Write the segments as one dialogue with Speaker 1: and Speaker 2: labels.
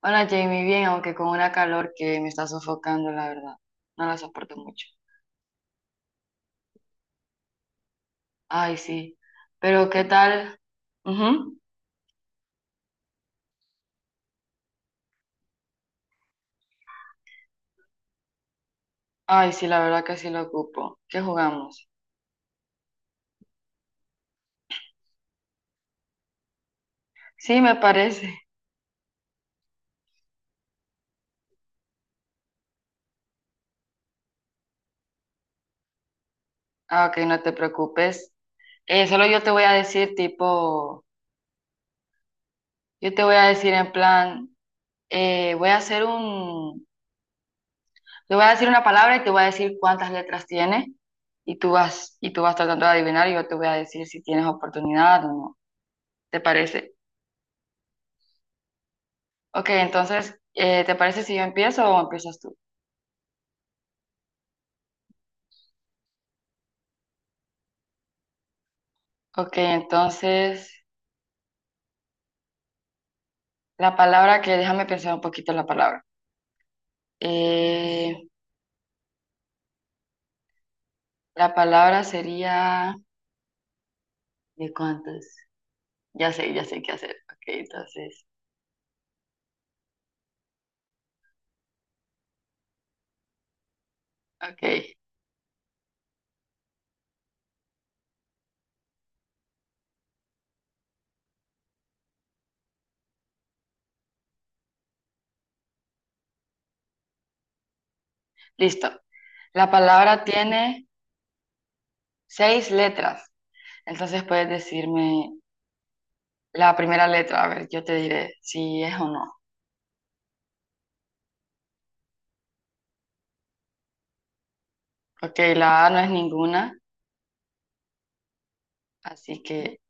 Speaker 1: Hola Jamie, bien, aunque con una calor que me está sofocando, la verdad. No la soporto mucho. Ay, sí. Pero ¿qué tal? Ujú. Ay, sí, la verdad que sí lo ocupo. ¿Qué jugamos? Sí, me parece. Ah, ok, no te preocupes. Solo yo te voy a decir tipo, yo te voy a decir en plan, voy a hacer un, te voy a decir una palabra y te voy a decir cuántas letras tiene y tú vas tratando de adivinar y yo te voy a decir si tienes oportunidad o no. ¿Te parece? Ok, entonces, ¿te parece si yo empiezo o empiezas tú? Ok, entonces, la palabra que déjame pensar un poquito la palabra. Eh, la palabra sería ¿de cuántos? Ya sé qué hacer. Ok, entonces, ok, listo. La palabra tiene seis letras. Entonces puedes decirme la primera letra, a ver, yo te diré si es o no. Ok, la A no es ninguna, así que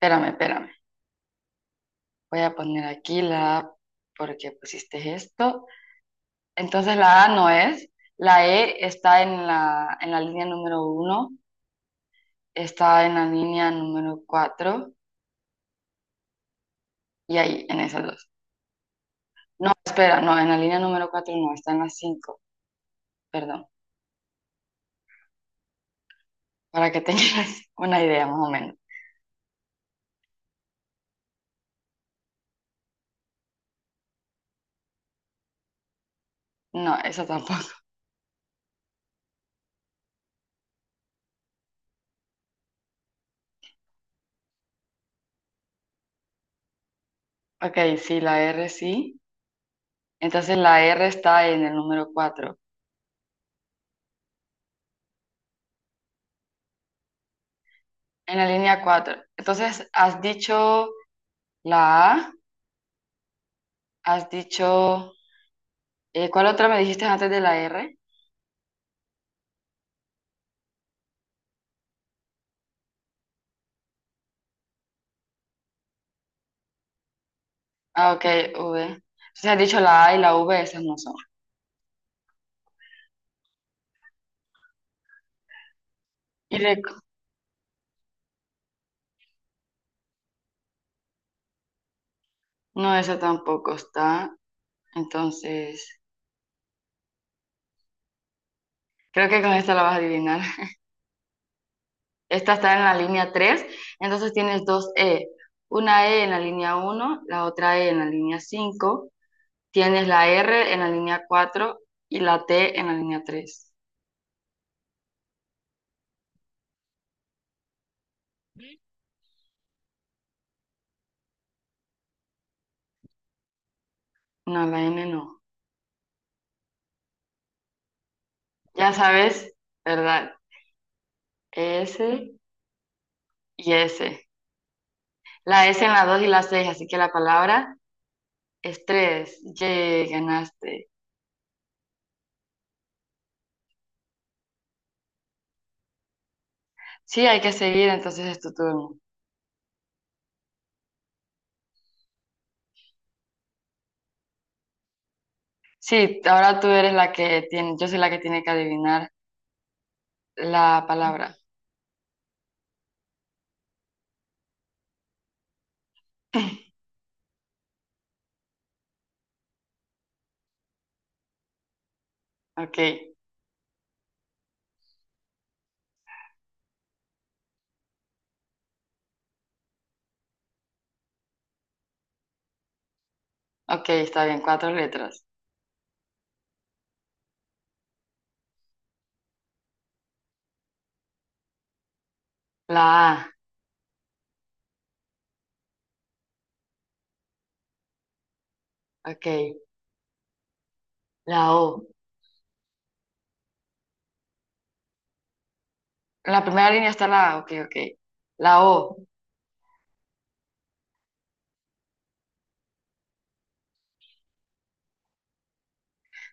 Speaker 1: espérame, espérame. Voy a poner aquí la A porque pusiste esto. Entonces la A no es. La E está en en la línea número uno, está en la línea número cuatro y ahí, en esas dos. No, espera, no, en la línea número cuatro no, está en la cinco, perdón, para que tengas una idea más o menos. No, eso tampoco. Ok, sí, la R sí. Entonces la R está en el número cuatro, en la línea cuatro. Entonces has dicho la A, has dicho... ¿cuál otra me dijiste antes de la R? Ah, ok, V. Entonces has dicho la A y la V, esas no son. Y rec- no, esa tampoco está. Entonces, creo que con esta la vas a adivinar. Esta está en la línea 3. Entonces tienes dos E. Una E en la línea uno, la otra E en la línea 5. Tienes la R en la línea 4 y la T en la línea tres. No, la N no. Ya sabes, ¿verdad? S y S. La S en la 2 y la 6, así que la palabra Estrés, yay, ganaste. Sí, hay que seguir, entonces es tu turno. Sí, ahora tú eres la que tiene, yo soy la que tiene que adivinar la palabra. Ok, ok, está bien, cuatro letras. La A, ok, la O. En la primera línea está la A, ok, ok. La O,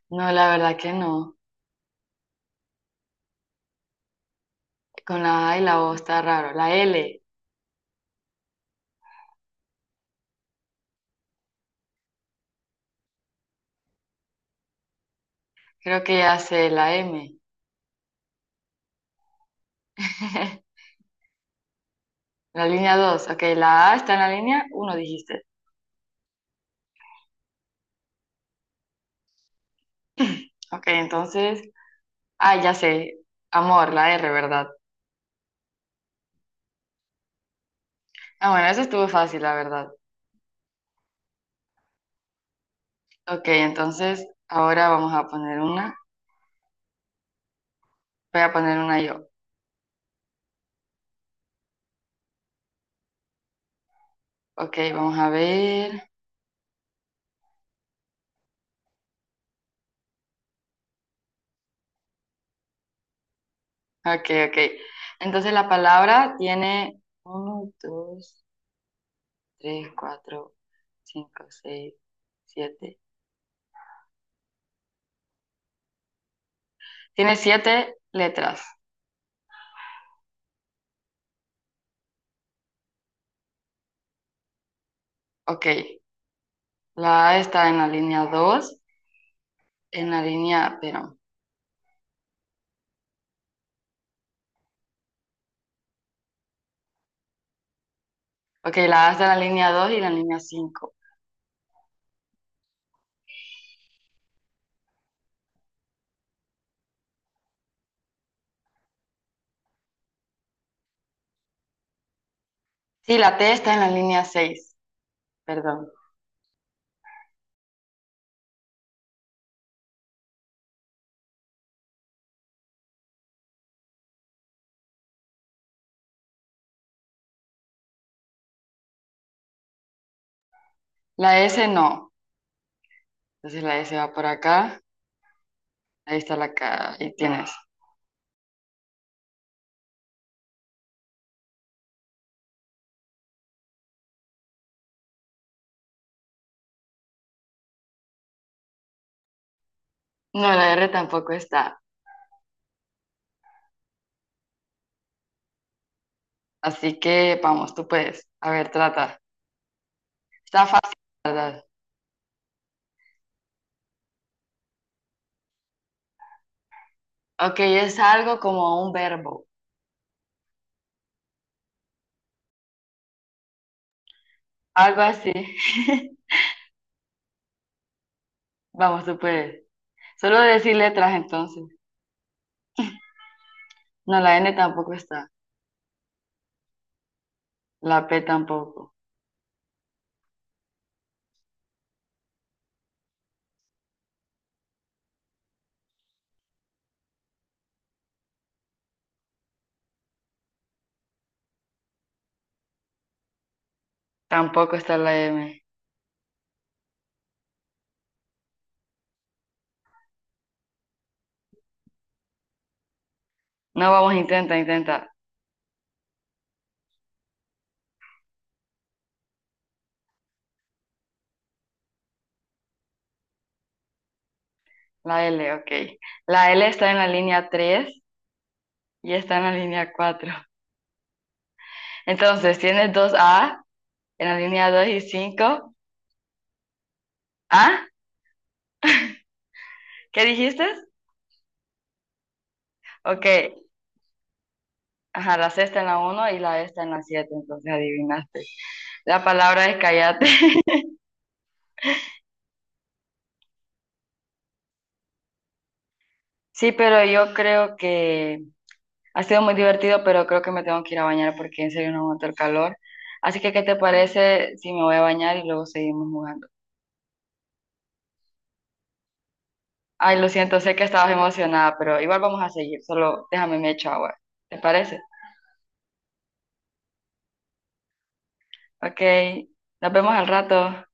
Speaker 1: no, la verdad que no. Con la A y la O está raro. La L, creo que hace la M. La línea 2 ok, la A está en la línea uno dijiste. Ok, entonces ah, ya sé. Amor, la R, ¿verdad? Ah, bueno, eso estuvo fácil, la verdad. Ok, entonces ahora vamos a poner una. Voy a poner una yo. Ok, vamos a ver. Ok, ok. Entonces la palabra tiene uno, 2, 3, 4, 5, 6, 7. Tiene siete letras. Ok, la A está en la línea 2, en la línea, pero... Ok, la A está en la línea dos y la línea 5. Sí, la T está en la línea 6. Perdón. La S no. Entonces la S va por acá. Ahí está la K. Ahí tienes. No, la R tampoco está. Así que vamos, tú puedes. A ver, trata. Está fácil, ¿la verdad? Ok, es algo como un verbo. Algo así. Vamos, tú puedes. Solo decir letras entonces. No, la N tampoco está. La P tampoco. Tampoco está la M. No, vamos, intenta, intenta. La L, ok. La L está en la línea 3 y está en la línea cuatro. Entonces, tienes dos A en la línea 2 y 5. ¿Ah? ¿Qué dijiste? Ok. Ajá, la C está en la uno y la E está en la 7. Entonces adivinaste. La palabra es callate. Sí, pero yo creo que ha sido muy divertido, pero creo que me tengo que ir a bañar porque en serio no aguanto el calor. Así que, ¿qué te parece si me voy a bañar y luego seguimos jugando? Ay, lo siento, sé que estabas emocionada, pero igual vamos a seguir, solo déjame me echo agua. ¿Te parece? Ok, nos vemos al rato.